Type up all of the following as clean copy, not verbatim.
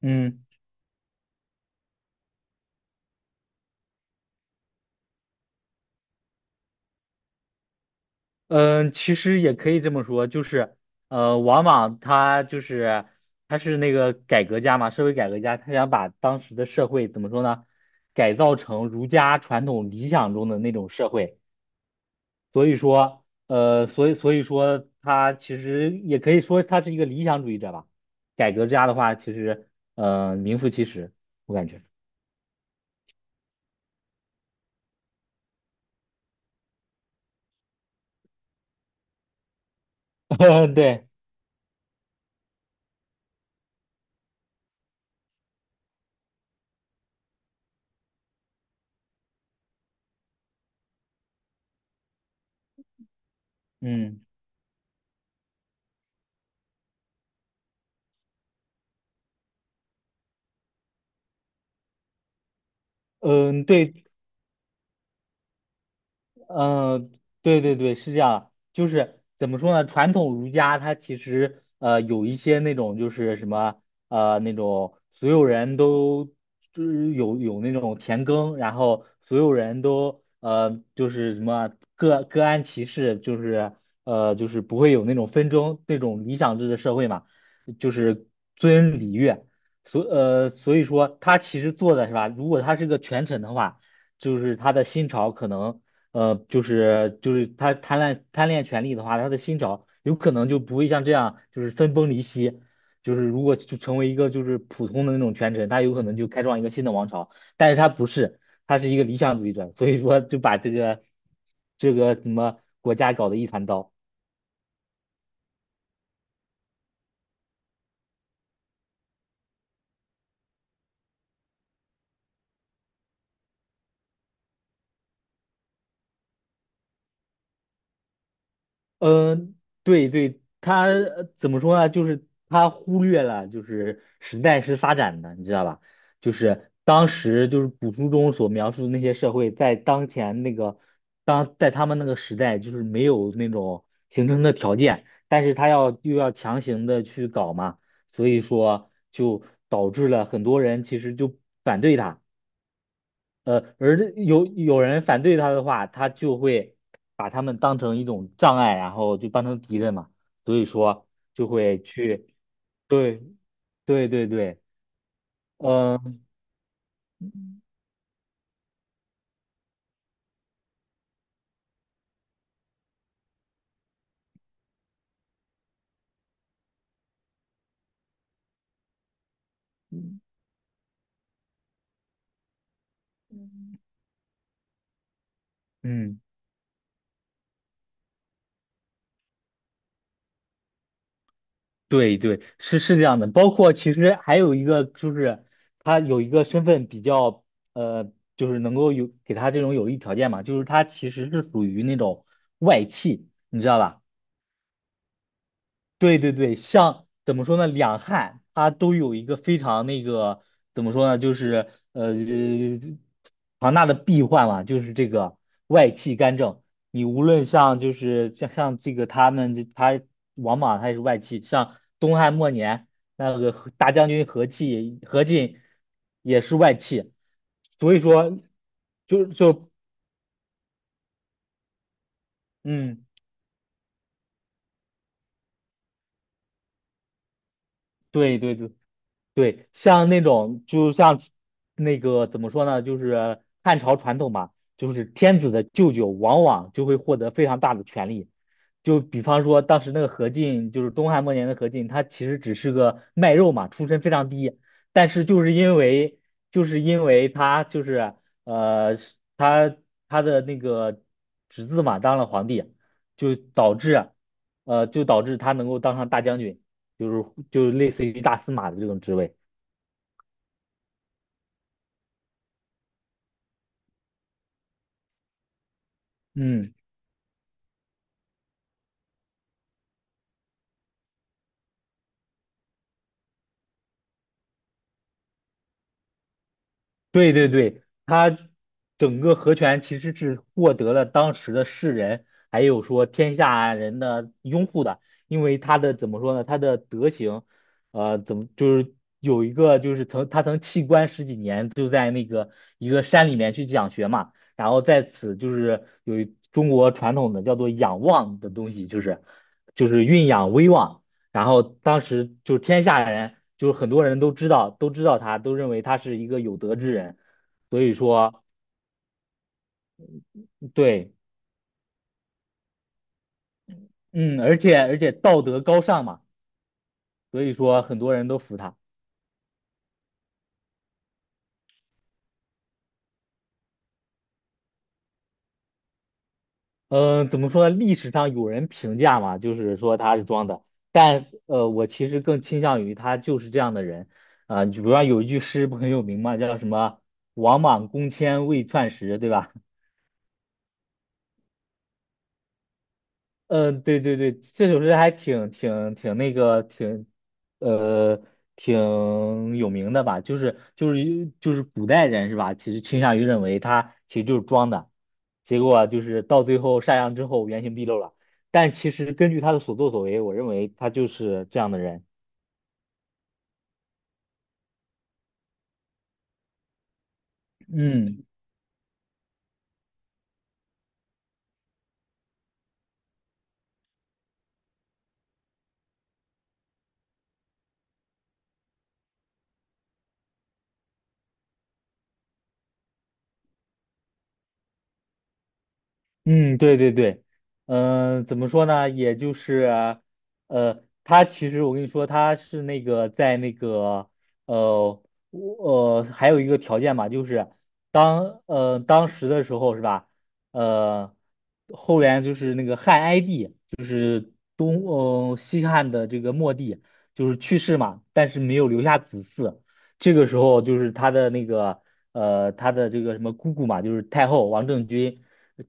嗯嗯，其实也可以这么说，就是王莽他就是他是那个改革家嘛，社会改革家，他想把当时的社会怎么说呢，改造成儒家传统理想中的那种社会。所以说，所以说他其实也可以说他是一个理想主义者吧。改革家的话，其实名副其实，我感觉。对，嗯嗯，对。嗯，对对对，是这样，就是怎么说呢？传统儒家它其实有一些那种就是什么那种所有人都就是有那种田耕，然后所有人都就是什么各各安其事，就是就是不会有那种纷争那种理想制的社会嘛，就是尊礼乐，所以说他其实做的是吧？如果他是个权臣的话。就是他的新朝可能就是他贪婪贪恋权力的话，他的新朝有可能就不会像这样就是分崩离析。就是如果就成为一个就是普通的那种权臣，他有可能就开创一个新的王朝，但是他不是，他是一个理想主义者，所以说就把这个这个什么国家搞得一团糟。嗯，对对，他怎么说呢？就是他忽略了，就是时代是发展的，你知道吧？就是当时就是古书中所描述的那些社会，在当前那个当在他们那个时代，就是没有那种形成的条件，但是他要又要强行的去搞嘛，所以说就导致了很多人其实就反对他。而这有人反对他的话，他就会把他们当成一种障碍，然后就当成敌人嘛，所以说就会去，对，对对对，嗯嗯，对对，是是这样的。包括其实还有一个就是，他有一个身份比较，呃，就是能够有给他这种有利条件嘛，就是他其实是属于那种外戚，你知道吧？对对对，像怎么说呢，两汉它都有一个非常那个怎么说呢，就是庞大的弊患嘛，就是这个外戚干政。你无论像就是像这个他们这他王莽他也是外戚，像东汉末年那个和大将军何进也是外戚，所以说就嗯。对对对对，像那种就像那个怎么说呢，就是汉朝传统嘛，就是天子的舅舅往往就会获得非常大的权力。就比方说当时那个何进，就是东汉末年的何进，他其实只是个卖肉嘛，出身非常低，但是就是因为他就是是他他的那个侄子嘛当了皇帝，就导致就导致他能够当上大将军。就是类似于大司马的这种职位。嗯，对对对，他整个和权其实是获得了当时的世人还有说天下人的拥护的，因为他的怎么说呢？他的德行，怎么就是有一个就是他曾弃官十几年，一个山里面去讲学嘛，然后在此就是有一中国传统的叫做仰望的东西，就是蕴养威望。然后当时就是天下人，就是很多人都知道，都知道他，都认为他是一个有德之人，所以说对，嗯，而且道德高尚嘛，所以说很多人都服他。嗯，怎么说呢？历史上有人评价嘛，就是说他是装的，但我其实更倾向于他就是这样的人。啊、你比如说有一句诗不很有名嘛，叫什么“王莽公迁为篡时”，对吧？嗯，对对对，这首诗还挺挺挺那个挺，呃，挺有名的吧？就是古代人是吧？其实倾向于认为他其实就是装的，结果就是到最后上岸之后原形毕露了。但其实根据他的所作所为，我认为他就是这样的人。嗯。嗯，对对对，嗯、怎么说呢？也就是啊，他其实我跟你说，他是那个在那个，呃，还有一个条件嘛，就是当时的时候是吧？呃，后援就是那个汉哀帝。西汉的这个末帝就是去世嘛，但是没有留下子嗣。这个时候就是他的那个他的这个什么姑姑嘛，就是太后王政君，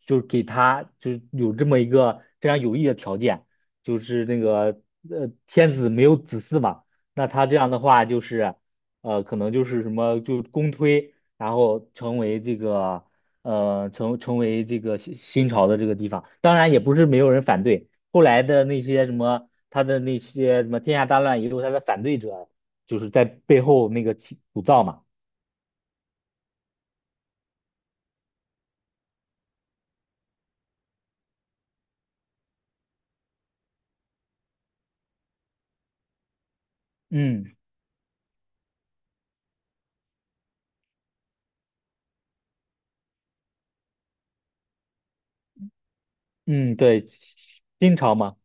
就是给他就是有这么一个非常有益的条件，就是那个天子没有子嗣嘛，那他这样的话就是可能就是什么就公推，然后成为这个。成为这个新朝的这个地方，当然也不是没有人反对，后来的那些什么，他的那些什么天下大乱，一有他的反对者，就是在背后那个起鼓噪嘛。嗯嗯，对，新朝嘛。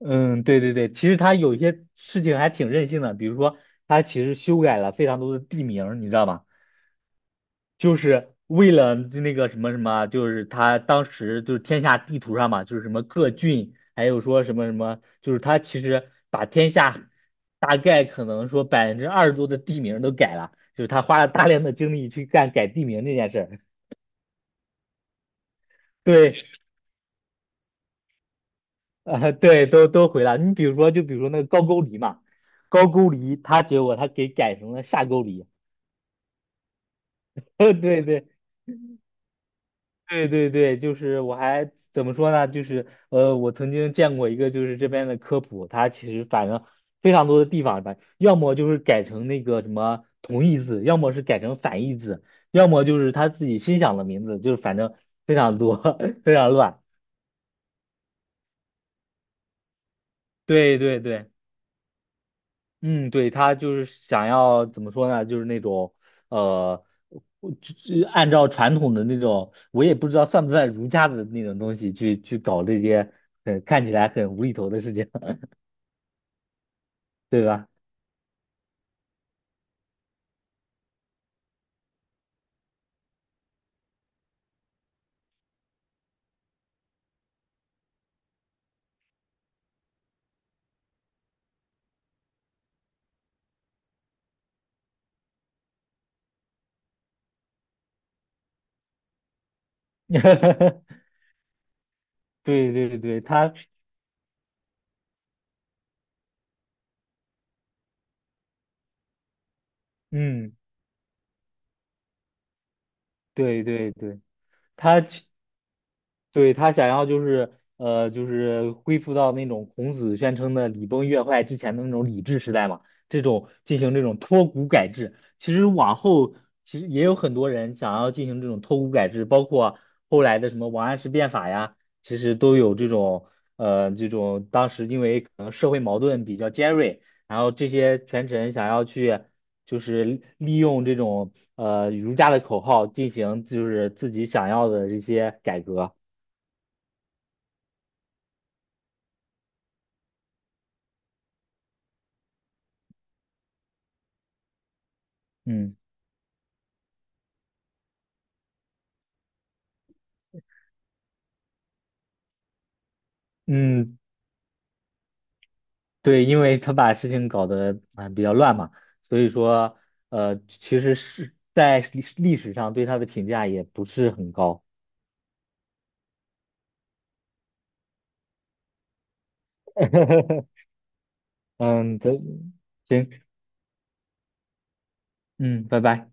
嗯，对对对，其实他有一些事情还挺任性的，比如说他其实修改了非常多的地名，你知道吗？就是为了那个什么什么啊，就是他当时就是天下地图上嘛，就是什么各郡，还有说什么什么，就是他其实把天下大概可能说百分之二十多的地名都改了，就是他花了大量的精力去干改地名这件事儿。对，对，都都回了。你比如说，就比如说那个高句丽嘛，高句丽，他结果他给改成了下句丽。对对，对对对，就是我还怎么说呢？就是我曾经见过一个，就是这边的科普，它其实反正非常多的地方吧，要么就是改成那个什么同义字，要么是改成反义字，要么就是他自己心想的名字，就是反正非常多，非常乱。对对对。嗯，对，他就是想要怎么说呢？就是那种，呃，我就按照传统的那种，我也不知道算不算儒家的那种东西去搞这些，看起来很无厘头的事情，对吧？对对对，他，嗯，对对对，他对，他想要就是就是恢复到那种孔子宣称的礼崩乐坏之前的那种礼制时代嘛，这种进行这种脱古改制。其实往后其实也有很多人想要进行这种脱古改制，包括后来的什么王安石变法呀，其实都有这种这种当时因为可能社会矛盾比较尖锐，然后这些权臣想要去就是利用这种儒家的口号进行就是自己想要的这些改革。嗯嗯，对，因为他把事情搞得啊、比较乱嘛，所以说其实是在历史上对他的评价也不是很高。嗯，对，行，嗯，拜拜。